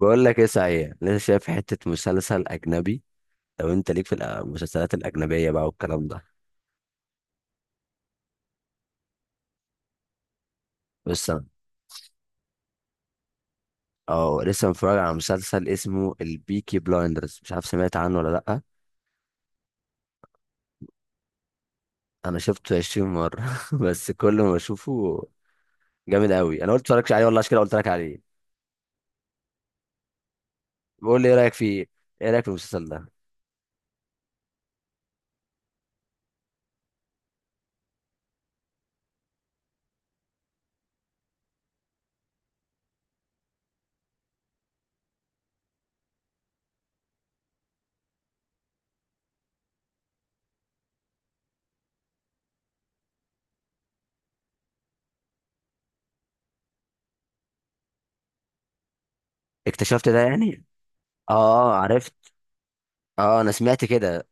بقول لك ايه، صحيح لسه شايف حتة مسلسل أجنبي؟ لو أنت ليك في المسلسلات الأجنبية بقى والكلام ده. بس أنا لسه متفرج على مسلسل اسمه البيكي بلايندرز، مش عارف سمعت عنه ولا لأ؟ أنا شفته 20 مرة بس كل ما أشوفه جامد أوي. أنا قلت متفرجش عليه والله، عشان كده قلت لك عليه. بقول لي إيه رأيك فيه؟ إيه رأيك في المسلسل ده؟ اكتشفت ده يعني؟ أه عرفت. أه أنا سمعت كده.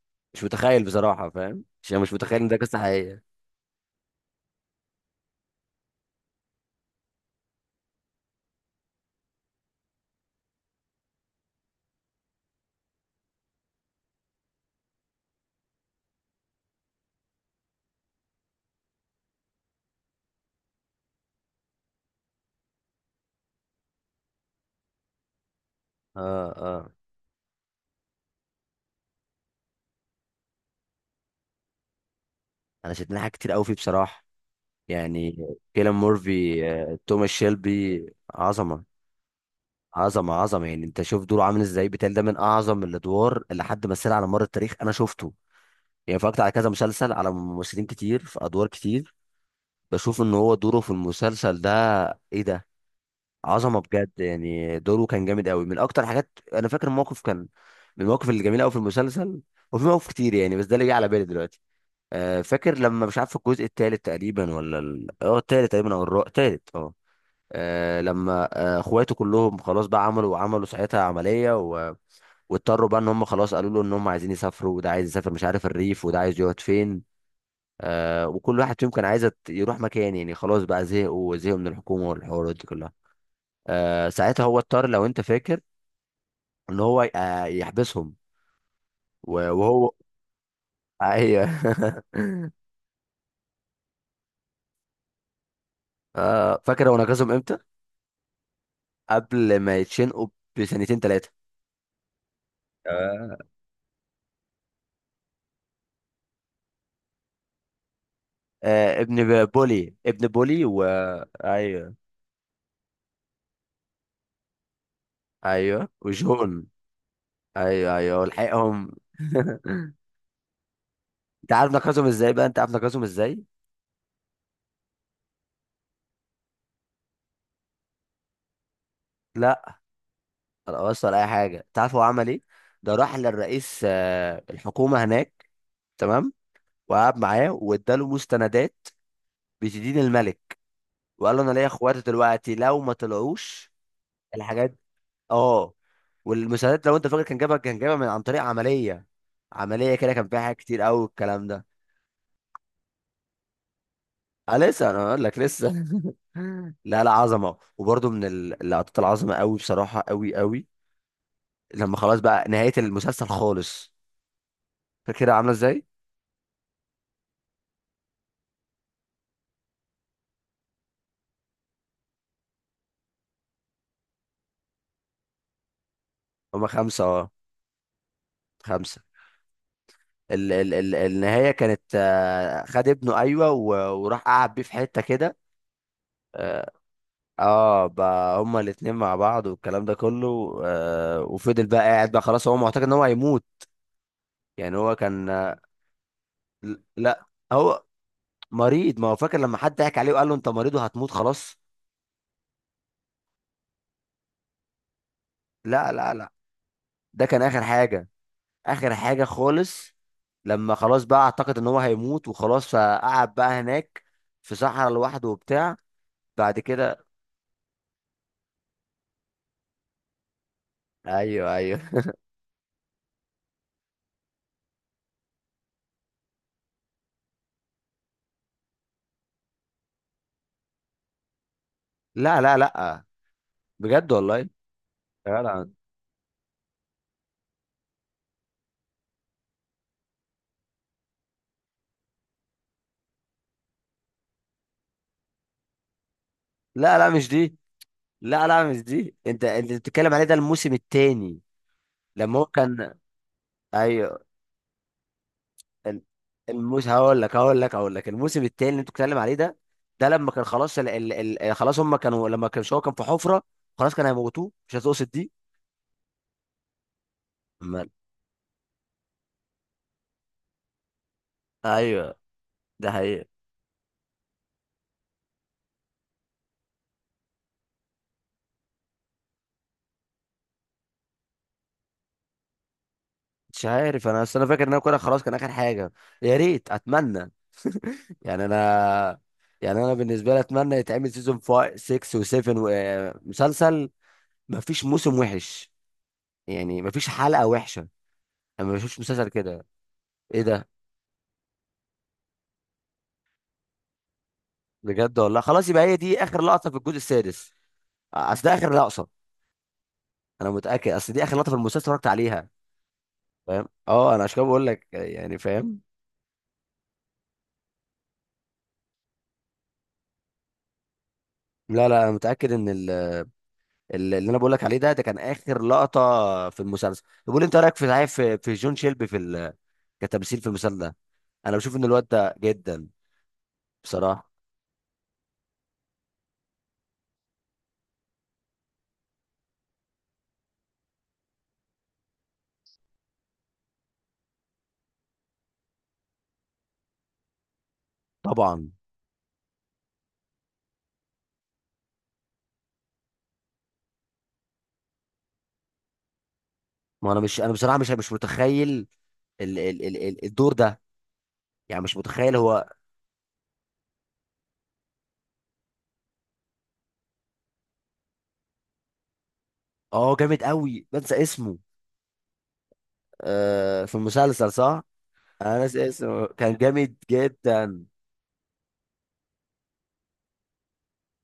مش متخيل بصراحة، فاهم؟ عشان مش متخيل إن ده قصة حقيقية. أه أه. أنا شدني حاجات كتير أوي فيه بصراحة، يعني كيلان مورفي، توماس شيلبي. عظمه. عظمه يعني، انت شوف دوره عامل ازاي. بتهيألي ده من اعظم الادوار اللي حد مثلها على مر التاريخ. انا شفته يعني، اتفرجت على كذا مسلسل، على ممثلين كتير في ادوار كتير. بشوف ان هو دوره في المسلسل ده، ايه ده! عظمه بجد، يعني دوره كان جامد قوي. من اكتر حاجات، انا فاكر موقف كان من المواقف الجميله قوي في المسلسل. وفي مواقف كتير يعني، بس ده اللي جه على بالي دلوقتي. فاكر لما، مش عارف الجزء الثالث تقريبا ولا ال... اه الثالث تقريبا او الرابع. الثالث اه. آه لما آه اخواته كلهم خلاص بقى عملوا ساعتها عملية، واضطروا بقى ان هم خلاص، قالوا له ان هم عايزين يسافروا. وده عايز يسافر مش عارف الريف، وده عايز يقعد فين. آه وكل واحد فيهم كان عايز يروح مكان. يعني خلاص بقى زهقوا من الحكومة والحوارات دي كلها. آه ساعتها هو اضطر، لو انت فاكر، ان هو يحبسهم وهو. ايوه. آه، فاكر هو نقذهم امتى؟ قبل ما يتشنقوا بسنتين ثلاثة. آه. آه ابن بولي، ابن بولي و ايوه ايوه وجون. ايوه ايوه ولحقهم. انت عارف نقصهم ازاي بقى، انت عارف نقصهم ازاي؟ لا ولا وصل اي حاجه. انت عارف هو عمل ايه؟ ده راح للرئيس، الحكومه هناك، تمام. وقعد معاه واداله مستندات بتدين الملك. وقال له، انا ليا اخواتي دلوقتي، لو ما طلعوش الحاجات. اه والمستندات، لو انت فاكر، كان جابها، كان جابها من عن طريق عمليه. عمليه كده كان فيها حاجات كتير قوي الكلام ده. اه لسه، انا اقول لك لسه. لا لا، عظمه. وبرده من اللقطات العظمه قوي، بصراحه قوي قوي. لما خلاص بقى نهايه المسلسل خالص، فاكرها عامله ازاي؟ هما خمسه اه، خمسه. ال النهايه كانت، خد ابنه، ايوه، وراح قعد بيه في حته كده. اه، بقى هما الاتنين مع بعض والكلام ده كله. آه، وفضل بقى قاعد بقى خلاص، هو معتقد ان هو هيموت. يعني هو كان، لا هو مريض. ما هو فاكر لما حد ضحك عليه وقال له انت مريض وهتموت خلاص. لا لا لا، ده كان اخر حاجه، اخر حاجه خالص. لما خلاص بقى اعتقد ان هو هيموت وخلاص، فقعد بقى هناك في صحراء لوحده وبتاع. بعد كده. ايوه ايوه. لا لا لا، بجد والله يا جدع. لا لا مش دي. لا لا مش دي، انت بتتكلم عليه ده الموسم الثاني، لما هو كان. ايوه، ال- الموسم، هقول لك الموسم الثاني اللي انت بتتكلم عليه ده. ده لما كان خلاص، خلاص هم كانوا، لما كان هو كان في حفره، خلاص كان هيموتوه. مش هتقصد دي؟ ايوه. ده حقيقة. مش عارف، انا اصل انا فاكر ان انا كده خلاص كان اخر حاجه. يا ريت، اتمنى، يعني انا، يعني انا بالنسبه لي اتمنى يتعمل سيزون 5، 6 و7 ومسلسل. ما فيش موسم وحش، يعني ما فيش حلقه وحشه. انا ما بشوفش مسلسل كده. ايه ده! بجد والله، خلاص يبقى هي دي اخر لقطه في الجزء السادس. اصل ده اخر لقطه. انا متاكد، اصل دي اخر لقطه في المسلسل اتفرجت عليها، فاهم؟ اه، انا عشان كده بقول لك، يعني فاهم. لا لا، انا متاكد ان اللي انا بقول لك عليه ده، ده كان اخر لقطه في المسلسل. طب قول لي انت رايك في، صحيح، في في جون شيلبي في كتمثيل في المسلسل ده. انا بشوف ان الواد ده جدا بصراحه. طبعا. ما انا مش، انا بصراحه مش متخيل الدور ده. يعني مش متخيل هو. اه جامد قوي، بنسى اسمه. آه، في المسلسل صح. انا ناسي اسمه، كان جامد جدا.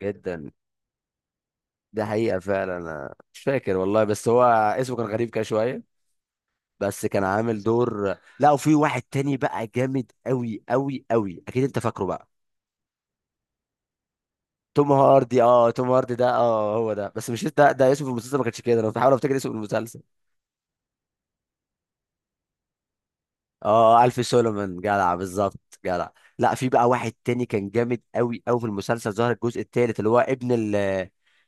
جدا، ده حقيقه فعلا. أنا مش فاكر والله، بس هو اسمه كان غريب كده شويه. بس كان عامل دور. لا، وفي واحد تاني بقى جامد قوي قوي قوي، اكيد انت فاكره بقى. توم هاردي. اه توم هاردي ده، اه هو ده. بس مش ده، ده اسمه في المسلسل ما كانش كده. انا بحاول افتكر اسمه في المسلسل. اه، الف سولومون، جدع بالظبط، جدع. لا، في بقى واحد تاني كان جامد قوي قوي في المسلسل، ظهر الجزء الثالث، اللي هو ابن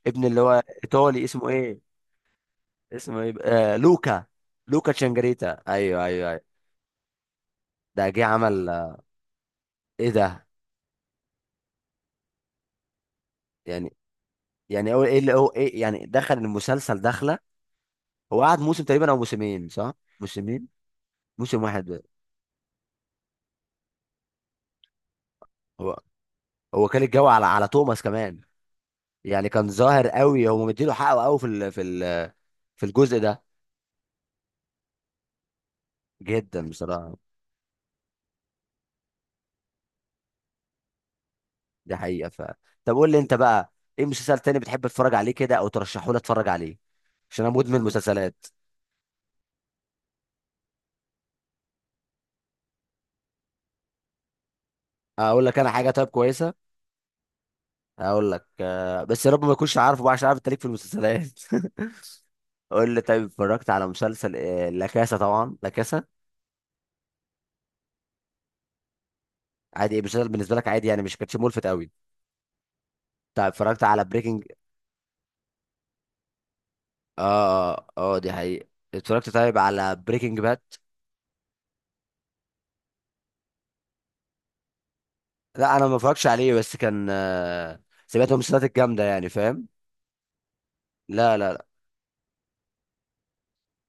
ابن، اللي هو ايطالي، اسمه ايه. اسمه ايه، آه لوكا. لوكا تشانجريتا، ايوه ايوه ايوه. ده جه عمل، ايه ده! يعني، يعني هو ايه اللي هو ايه. يعني دخل المسلسل دخله، هو قعد موسم تقريبا او موسمين صح. موسمين، موسم واحد. هو هو كان الجو على على توماس كمان. يعني كان ظاهر قوي، هو مديله حقه قوي في الجزء ده. جدا بصراحه. دي حقيقه. ف طب قول لي انت بقى، ايه مسلسل تاني بتحب تتفرج عليه كده، او ترشحه لي اتفرج عليه، عشان انا مدمن مسلسلات. اقول لك انا حاجه طيب كويسه. اقول لك، بس يا رب ما يكونش عارفه بقى، عشان عارف انت ليك في المسلسلات. قول لي طيب، اتفرجت على مسلسل، لا كاسا؟ طبعا لا كاسا. عادي. إيه، مسلسل بالنسبه لك عادي يعني، مش كانش ملفت قوي؟ طيب اتفرجت على بريكنج؟ اه اه اه، دي حقيقة. اتفرجت طيب على بريكنج باد؟ لا، انا ما اتفرجش عليه، بس كان، سمعت من المسلسلات الجامدة يعني، فاهم. لا لا لا.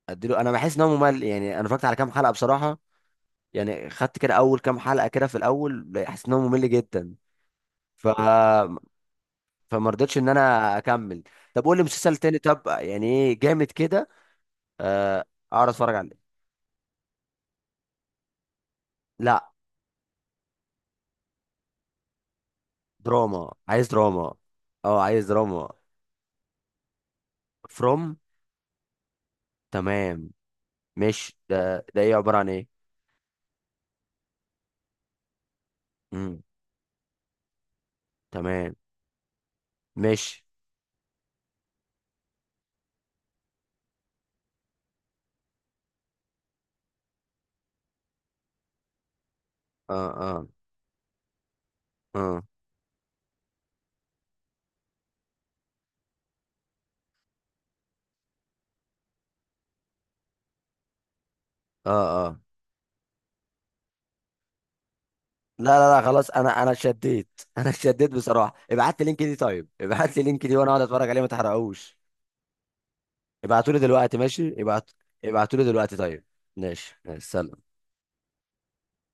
اديله. انا بحس ان هو ممل، يعني انا اتفرجت على كام حلقة بصراحة. يعني خدت كده اول كام حلقة كده، في الاول حسيت ان هو ممل جدا. ف فما رضيتش ان انا اكمل. طب قول لي مسلسل تاني طب، يعني ايه جامد كده؟ آه، اقعد اتفرج عليه. لا دراما، عايز دراما. اه عايز دراما. فروم. تمام. مش ده، ده ايه، عبارة عن ايه؟ امم تمام. مش اه اه اه اه اه، لا لا لا خلاص. انا شديت. انا شديت بصراحة، ابعت لي لينك دي طيب، ابعت لي لينك دي وانا اقعد اتفرج عليه، ما تحرقوش. ابعتوا لي دلوقتي، ماشي ابعت. ابعتوا لي دلوقتي طيب. ماشي ماشي. سلام.